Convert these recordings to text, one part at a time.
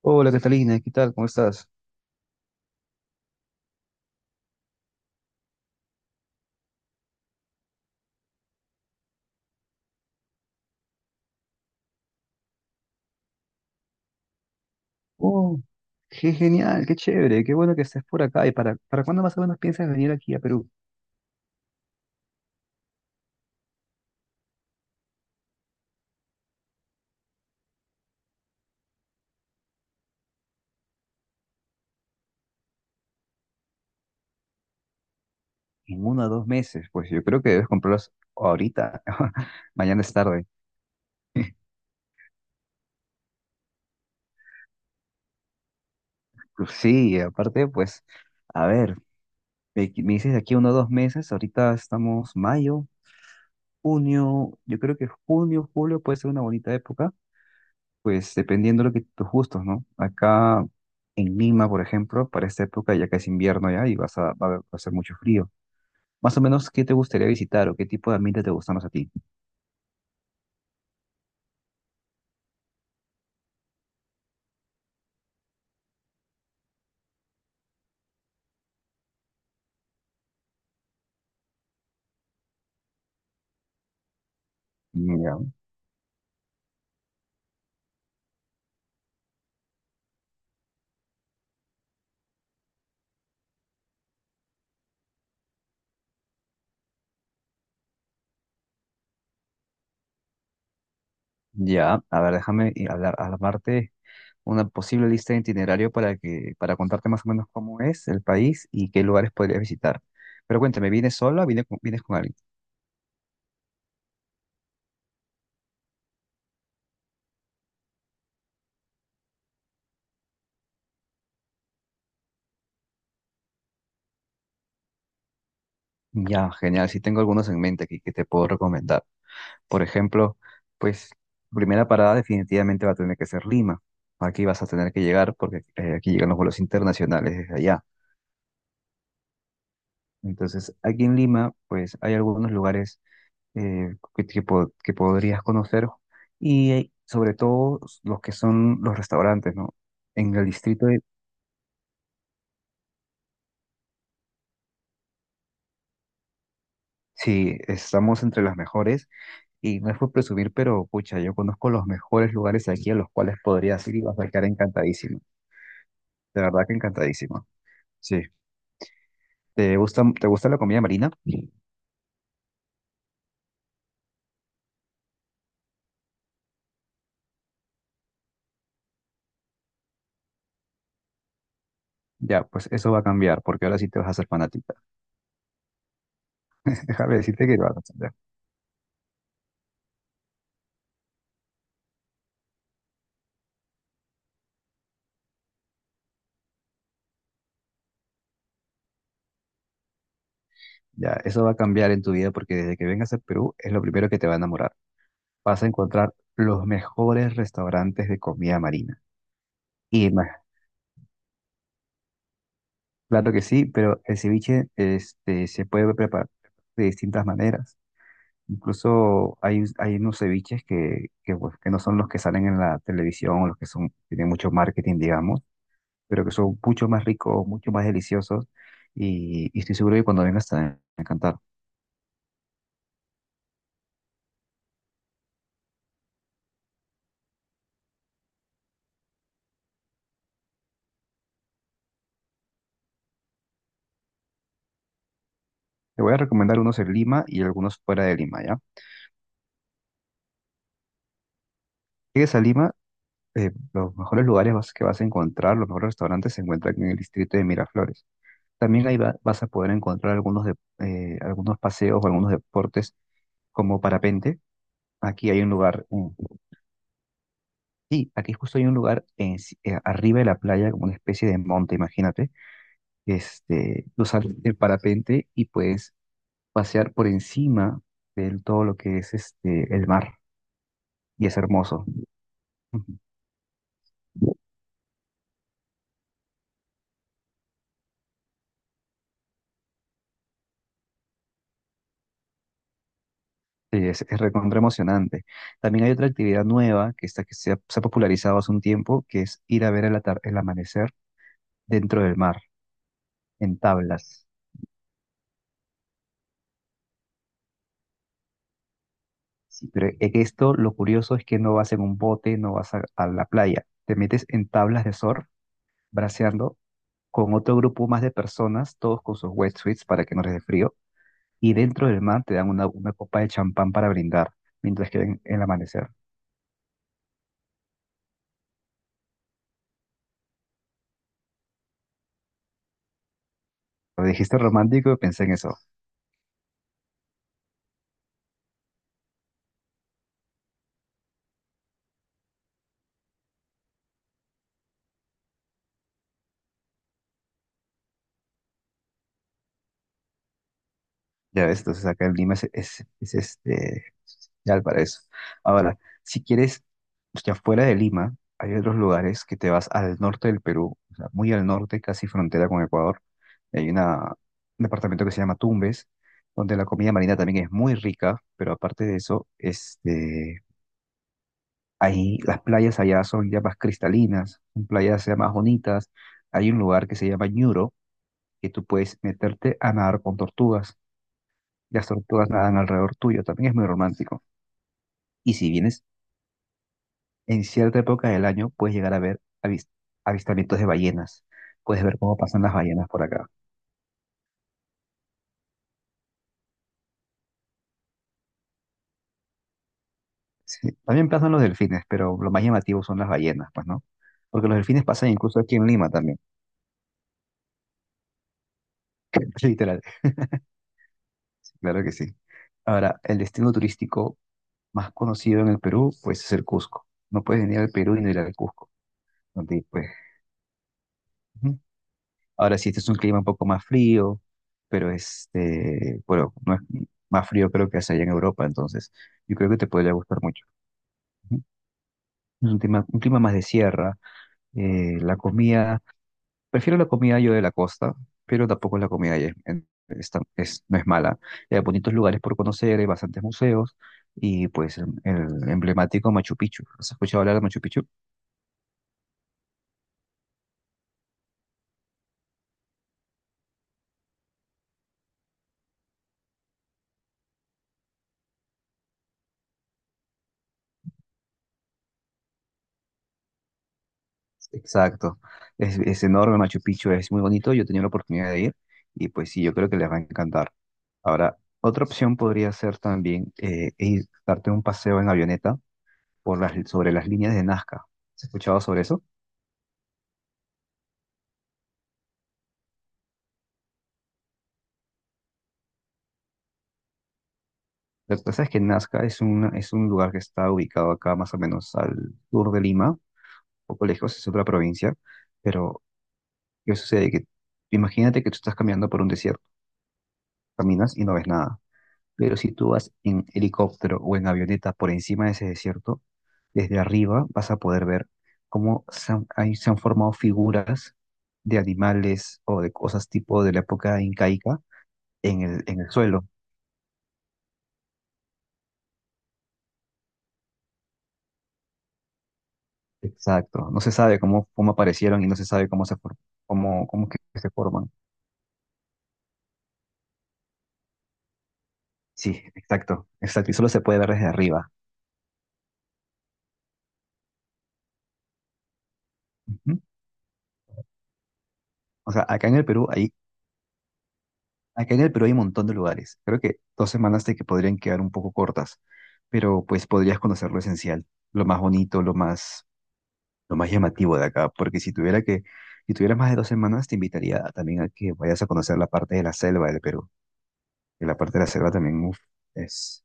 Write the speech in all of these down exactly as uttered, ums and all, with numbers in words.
Hola Catalina, ¿qué tal? ¿Cómo estás? Oh, qué genial, qué chévere, qué bueno que estés por acá. ¿Y para, para cuándo más o menos piensas venir aquí a Perú? En uno o dos meses, pues yo creo que debes comprarlos ahorita, mañana es tarde. Pues sí, aparte, pues, a ver, me, me dices de aquí uno o dos meses, ahorita estamos mayo, junio, yo creo que junio, julio puede ser una bonita época, pues dependiendo de lo que tus gustos, ¿no? Acá en Lima, por ejemplo, para esta época ya que es invierno ya y vas a, va a va a hacer mucho frío. Más o menos, ¿qué te gustaría visitar o qué tipo de ambiente te gustan más a ti? Ya. Ya, a ver, déjame y hablar, armarte una posible lista de itinerario para que, para contarte más o menos cómo es el país y qué lugares podrías visitar. Pero cuéntame, ¿vienes sola o vienes con, vienes con alguien? Ya, genial, sí tengo algunos en mente aquí que te puedo recomendar. Por ejemplo, pues, primera parada definitivamente va a tener que ser Lima. Aquí vas a tener que llegar porque eh, aquí llegan los vuelos internacionales desde allá. Entonces, aquí en Lima, pues, hay algunos lugares eh, que, que po- que podrías conocer y eh, sobre todo los que son los restaurantes, ¿no? En el distrito de... Sí, estamos entre las mejores y no es por presumir, pero pucha, yo conozco los mejores lugares aquí a los cuales podrías ir y vas a quedar encantadísimo. De verdad que encantadísimo. Sí. ¿Te gusta, te gusta la comida marina? Ya, pues eso va a cambiar porque ahora sí te vas a hacer fanática. Déjame decirte que va a cambiar. Ya, eso va a cambiar en tu vida porque desde que vengas a Perú es lo primero que te va a enamorar. Vas a encontrar los mejores restaurantes de comida marina. Y más, claro que sí, pero el ceviche este, se puede preparar de distintas maneras. Incluso hay, hay unos ceviches que, que, pues, que no son los que salen en la televisión o los que son, tienen mucho marketing, digamos, pero que son mucho más ricos, mucho más deliciosos y, y estoy seguro que cuando vengas te van a encantar. Te voy a recomendar unos en Lima y algunos fuera de Lima, ¿ya? Llegues a Lima, eh, los mejores lugares vas- que vas a encontrar, los mejores restaurantes se encuentran en el distrito de Miraflores. También ahí va- vas a poder encontrar algunos, de, eh, algunos paseos o algunos deportes como parapente. Aquí hay un lugar, mm, sí, aquí justo hay un lugar en si- eh, arriba de la playa, como una especie de monte, imagínate. Este, tú sales del parapente y puedes pasear por encima de todo lo que es este, el mar. Y es hermoso. Ujú. Sí, es, es recontra emocionante. También hay otra actividad nueva que, está, que se ha, se ha popularizado hace un tiempo, que es ir a ver el, atar- el amanecer dentro del mar, en tablas. Sí, pero en esto lo curioso es que no vas en un bote, no vas a, a la playa, te metes en tablas de surf, braceando con otro grupo más de personas, todos con sus wetsuits para que no les dé frío, y dentro del mar te dan una, una copa de champán para brindar mientras que ven el amanecer. Lo dijiste romántico y pensé en eso. Ya ves, entonces acá en Lima es, es, es este, ya para eso. Ahora, si quieres, ya fuera de Lima, hay otros lugares que te vas al norte del Perú, o sea, muy al norte, casi frontera con Ecuador. Hay una, un departamento que se llama Tumbes, donde la comida marina también es muy rica, pero aparte de eso, este, ahí las playas allá son ya más cristalinas, son playas ya más bonitas. Hay un lugar que se llama Ñuro, que tú puedes meterte a nadar con tortugas. Las tortugas nadan alrededor tuyo, también es muy romántico. Y si vienes en cierta época del año, puedes llegar a ver avis- avistamientos de ballenas. Puedes ver cómo pasan las ballenas por acá. Sí, también pasan los delfines, pero lo más llamativo son las ballenas, pues, ¿no? Porque los delfines pasan incluso aquí en Lima también. Literal, claro que sí. Ahora, el destino turístico más conocido en el Perú, pues es el Cusco. No puedes venir al Perú y no ir al Cusco, donde, pues, ujú, ahora sí, este es un clima un poco más frío, pero este, bueno, no es más frío creo que es allá en Europa, entonces yo creo que te podría gustar mucho. Ujú. Es un clima, un clima más de sierra, eh, la comida, prefiero la comida yo de la costa, pero tampoco la comida allá es, es tan- es- no es mala. Hay bonitos lugares por conocer, hay bastantes museos y pues el, el emblemático Machu Picchu. ¿Has escuchado hablar de Machu Picchu? Exacto. Es, es enorme Machu Picchu, es muy bonito. Yo he tenido la oportunidad de ir y pues sí, yo creo que les va a encantar. Ahora, otra opción podría ser también eh, ir, darte un paseo en avioneta por las, sobre las líneas de Nazca. ¿Has escuchado sobre eso? Lo que pasa es que Nazca es un, es un lugar que está ubicado acá más o menos al sur de Lima, un poco lejos, es otra provincia, pero ¿qué sucede? Que imagínate que tú estás caminando por un desierto, caminas y no ves nada. Pero si tú vas en helicóptero o en avioneta por encima de ese desierto, desde arriba vas a poder ver cómo se han, ahí se han formado figuras de animales o de cosas tipo de la época incaica en el, en el suelo. Exacto. No se sabe cómo, cómo aparecieron y no se sabe cómo se for- cómo, cómo que se forman. Sí, exacto, exacto. Y solo se puede ver desde arriba. Ujú. O sea, acá en el Perú hay. Acá en el Perú hay un montón de lugares. Creo que dos semanas te que podrían quedar un poco cortas, pero pues podrías conocer lo esencial, lo más bonito, lo más, lo más llamativo de acá. Porque si tuviera que, si tuvieras más de dos semanas, te invitaría a- también a que vayas a conocer la parte de la selva del Perú. Y la parte de la selva también, uf, es.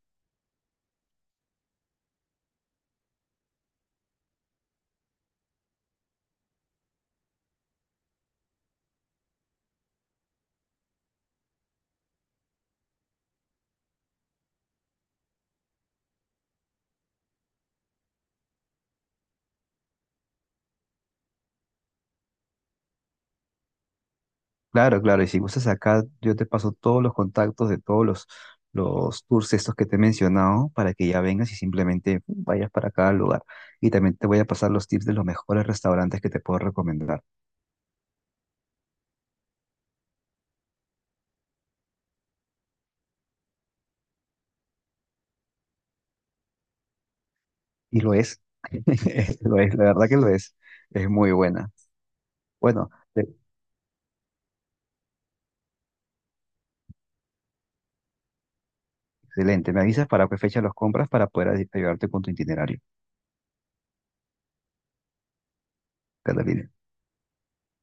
Claro, claro. Y si gustas acá, yo te paso todos los contactos de todos los, los tours estos que te he mencionado para que ya vengas y simplemente vayas para cada lugar. Y también te voy a pasar los tips de los mejores restaurantes que te puedo recomendar. Y lo es, lo es, la verdad que lo es. Es muy buena. Bueno, e- excelente. Me avisas para qué fecha los compras para poder ay- ayudarte con tu itinerario, Catalina.